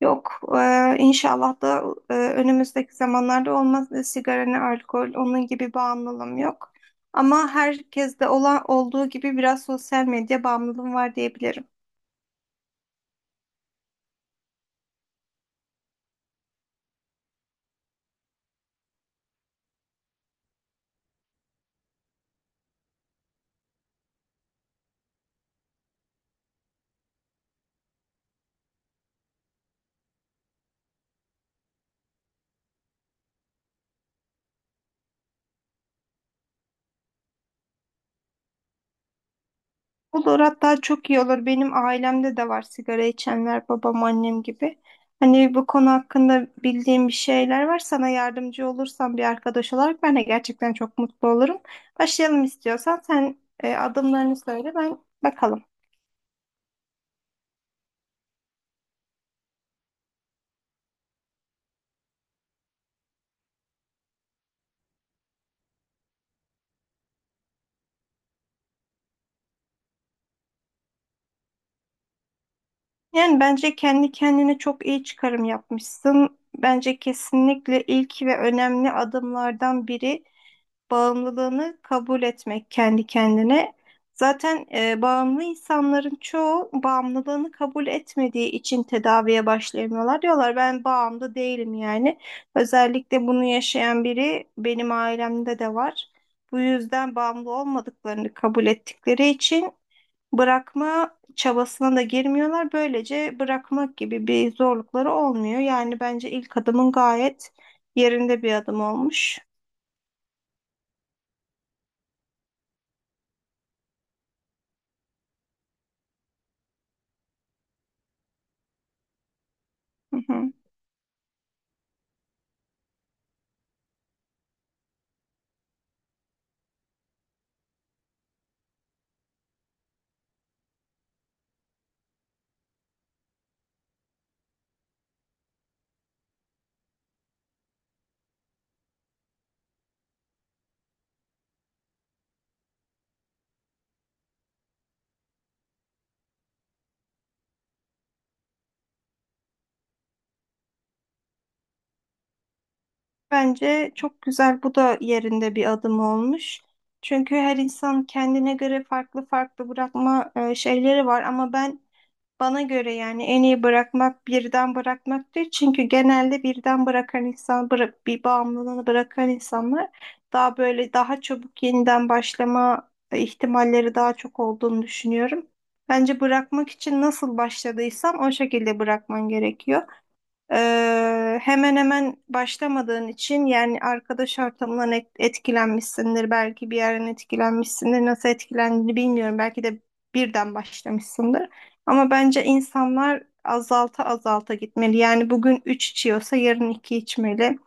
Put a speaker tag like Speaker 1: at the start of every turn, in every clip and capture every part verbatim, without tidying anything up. Speaker 1: Yok, eee, inşallah da eee, önümüzdeki zamanlarda olmaz. E, Sigara ne alkol, onun gibi bağımlılığım yok. Ama herkeste olan olduğu gibi biraz sosyal medya bağımlılığım var diyebilirim. Olur, hatta çok iyi olur. Benim ailemde de var sigara içenler, babam, annem gibi. Hani bu konu hakkında bildiğim bir şeyler var. Sana yardımcı olursam bir arkadaş olarak ben de gerçekten çok mutlu olurum. Başlayalım istiyorsan. Sen e, adımlarını söyle, ben bakalım. Yani bence kendi kendine çok iyi çıkarım yapmışsın. Bence kesinlikle ilk ve önemli adımlardan biri bağımlılığını kabul etmek kendi kendine. Zaten e, bağımlı insanların çoğu bağımlılığını kabul etmediği için tedaviye başlayamıyorlar. Diyorlar ben bağımlı değilim yani. Özellikle bunu yaşayan biri benim ailemde de var. Bu yüzden bağımlı olmadıklarını kabul ettikleri için bırakma çabasına da girmiyorlar. Böylece bırakmak gibi bir zorlukları olmuyor. Yani bence ilk adımın gayet yerinde bir adım olmuş. Hı hı. Bence çok güzel, bu da yerinde bir adım olmuş. Çünkü her insan kendine göre farklı farklı bırakma e, şeyleri var, ama ben bana göre yani en iyi bırakmak birden bırakmak değil. Çünkü genelde birden bırakan insan, bırak, bir bağımlılığını bırakan insanlar daha böyle daha çabuk yeniden başlama e, ihtimalleri daha çok olduğunu düşünüyorum. Bence bırakmak için nasıl başladıysan o şekilde bırakman gerekiyor. Ee, hemen hemen başlamadığın için yani arkadaş ortamından et- etkilenmişsindir. Belki bir yerden etkilenmişsindir. Nasıl etkilendiğini bilmiyorum. Belki de birden başlamışsındır. Ama bence insanlar azalta azalta gitmeli. Yani bugün üç içiyorsa yarın iki içmeli.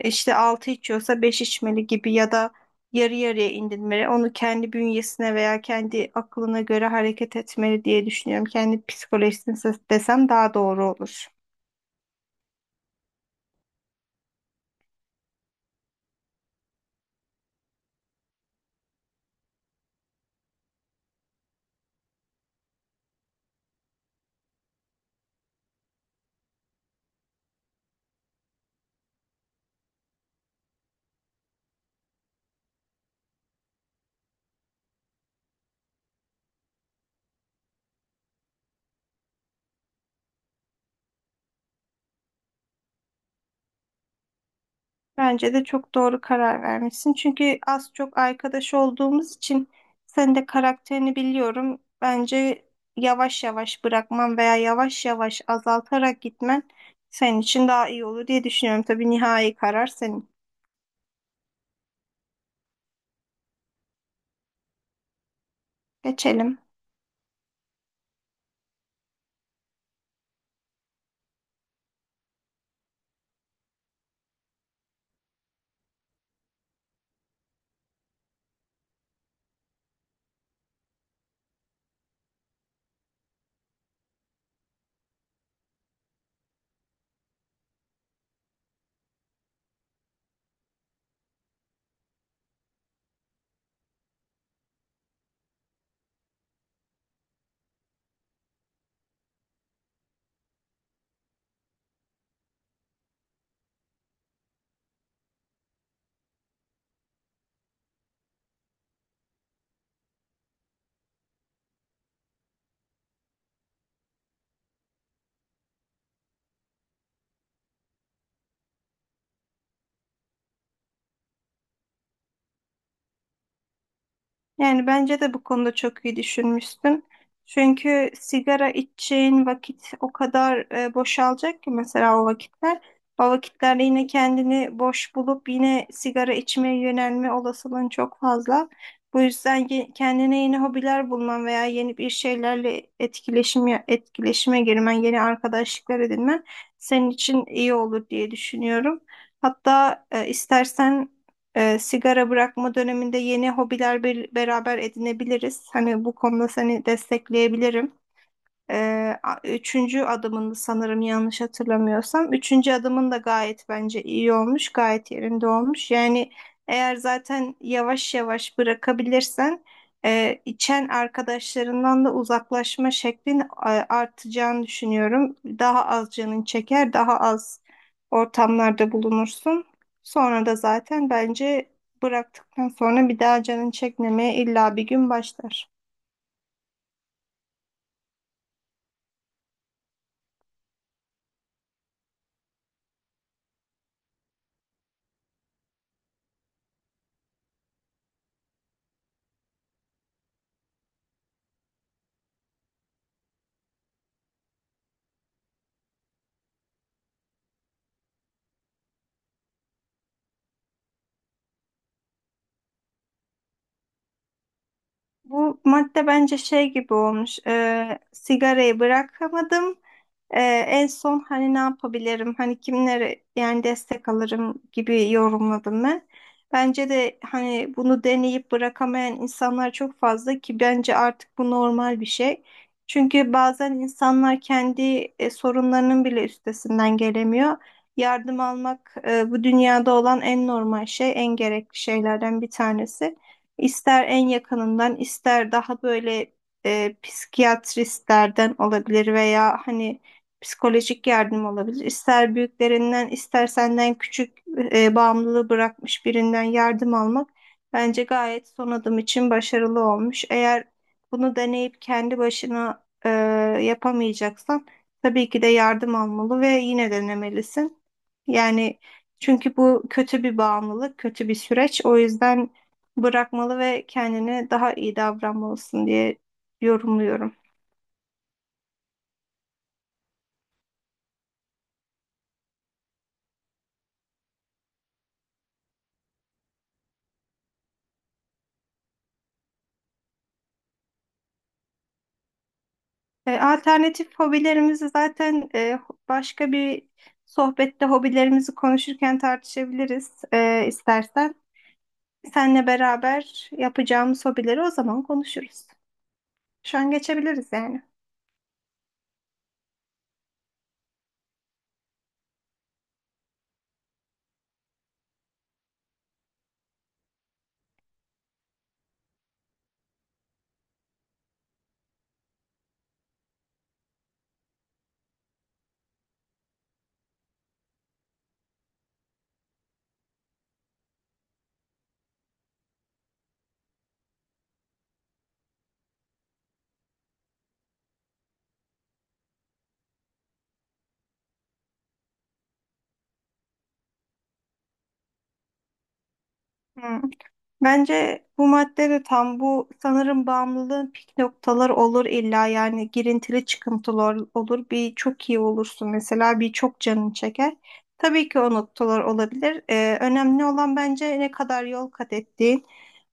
Speaker 1: İşte altı içiyorsa beş içmeli gibi, ya da yarı yarıya indirmeli. Onu kendi bünyesine veya kendi aklına göre hareket etmeli diye düşünüyorum. Kendi psikolojisine desem daha doğru olur. Bence de çok doğru karar vermişsin. Çünkü az çok arkadaş olduğumuz için sen de karakterini biliyorum. Bence yavaş yavaş bırakman veya yavaş yavaş azaltarak gitmen senin için daha iyi olur diye düşünüyorum. Tabii nihai karar senin. Geçelim. Yani bence de bu konuda çok iyi düşünmüşsün. Çünkü sigara içeceğin vakit o kadar e, boşalacak ki mesela o vakitler. O vakitlerde yine kendini boş bulup yine sigara içmeye yönelme olasılığın çok fazla. Bu yüzden ye- kendine yeni hobiler bulman veya yeni bir şeylerle etkileşim etkileşime girmen, yeni arkadaşlıklar edinmen senin için iyi olur diye düşünüyorum. Hatta e, istersen ee, sigara bırakma döneminde yeni hobiler bir, beraber edinebiliriz. Hani bu konuda seni destekleyebilirim. Ee, a- üçüncü adımını sanırım yanlış hatırlamıyorsam. Üçüncü adımın da gayet bence iyi olmuş, gayet yerinde olmuş. Yani eğer zaten yavaş yavaş bırakabilirsen e, içen arkadaşlarından da uzaklaşma şeklin e, artacağını düşünüyorum. Daha az canın çeker, daha az ortamlarda bulunursun. Sonra da zaten bence bıraktıktan sonra bir daha canın çekmemeye illa bir gün başlar. Bu madde bence şey gibi olmuş. E, sigarayı bırakamadım. E, en son hani ne yapabilirim? Hani kimlere yani destek alırım gibi yorumladım ben. Bence de hani bunu deneyip bırakamayan insanlar çok fazla ki bence artık bu normal bir şey. Çünkü bazen insanlar kendi e, sorunlarının bile üstesinden gelemiyor. Yardım almak e, bu dünyada olan en normal şey, en gerekli şeylerden bir tanesi. İster en yakınından, ister daha böyle e, psikiyatristlerden olabilir veya hani psikolojik yardım olabilir. İster büyüklerinden, ister senden küçük e, bağımlılığı bırakmış birinden yardım almak bence gayet son adım için başarılı olmuş. Eğer bunu deneyip kendi başına e, yapamayacaksan tabii ki de yardım almalı ve yine denemelisin. Yani çünkü bu kötü bir bağımlılık, kötü bir süreç. O yüzden bırakmalı ve kendine daha iyi davranmalısın diye yorumluyorum. E, alternatif hobilerimizi zaten e, başka bir sohbette hobilerimizi konuşurken tartışabiliriz, e, istersen. Seninle beraber yapacağımız hobileri o zaman konuşuruz. Şu an geçebiliriz yani. Hı. Bence bu madde de tam bu sanırım bağımlılığın pik noktaları olur illa, yani girintili çıkıntılı ol- olur. Bir çok iyi olursun mesela, bir çok canın çeker. Tabii ki o noktalar olabilir. Ee, önemli olan bence ne kadar yol kat ettiğin.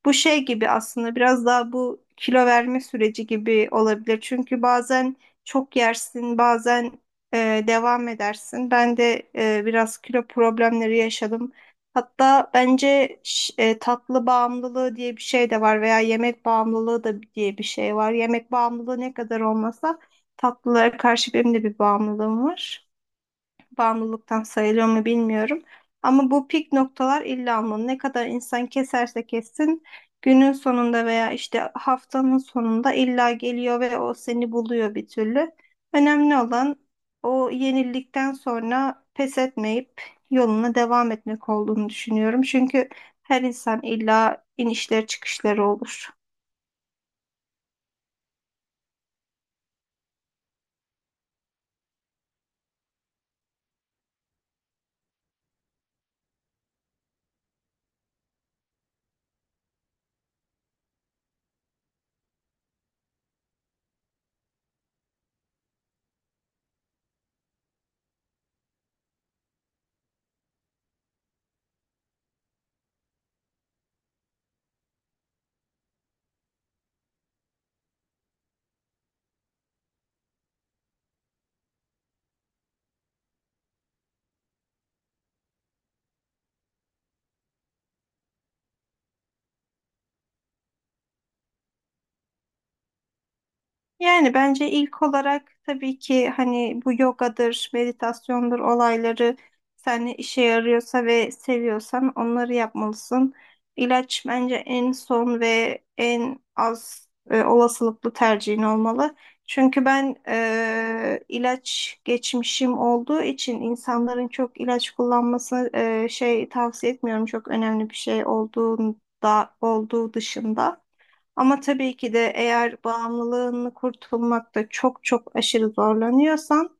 Speaker 1: Bu şey gibi aslında, biraz daha bu kilo verme süreci gibi olabilir. Çünkü bazen çok yersin, bazen e, devam edersin. Ben de e, biraz kilo problemleri yaşadım. Hatta bence ş- e, tatlı bağımlılığı diye bir şey de var veya yemek bağımlılığı da diye bir şey var. Yemek bağımlılığı ne kadar olmasa tatlılara karşı benim de bir bağımlılığım var, bağımlılıktan sayılıyor mu bilmiyorum. Ama bu pik noktalar illa almalı. Ne kadar insan keserse kessin günün sonunda veya işte haftanın sonunda illa geliyor ve o seni buluyor bir türlü. Önemli olan o yenildikten sonra pes etmeyip yoluna devam etmek olduğunu düşünüyorum. Çünkü her insan illa inişleri çıkışları olur. Yani bence ilk olarak tabii ki hani bu yogadır, meditasyondur olayları seninle işe yarıyorsa ve seviyorsan onları yapmalısın. İlaç bence en son ve en az e, olasılıklı tercihin olmalı. Çünkü ben e, ilaç geçmişim olduğu için insanların çok ilaç kullanmasını e, şey tavsiye etmiyorum. Çok önemli bir şey olduğunda olduğu dışında. Ama tabii ki de eğer bağımlılığını kurtulmakta çok çok aşırı zorlanıyorsan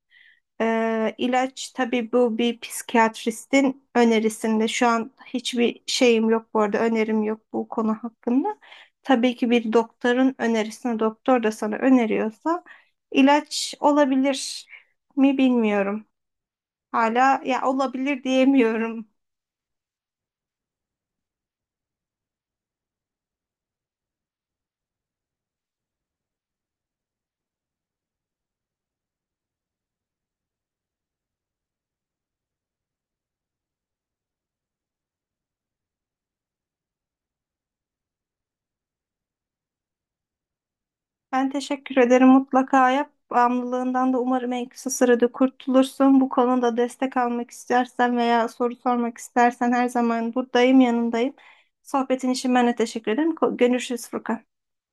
Speaker 1: e, ilaç tabii bu bir psikiyatristin önerisinde. Şu an hiçbir şeyim yok, bu arada önerim yok bu konu hakkında. Tabii ki bir doktorun önerisine, doktor da sana öneriyorsa ilaç olabilir mi bilmiyorum. Hala ya olabilir diyemiyorum. Ben teşekkür ederim. Mutlaka yap. Bağımlılığından da umarım en kısa sürede kurtulursun. Bu konuda destek almak istersen veya soru sormak istersen her zaman buradayım, yanındayım. Sohbetin için ben de teşekkür ederim. Ko- Görüşürüz Furkan.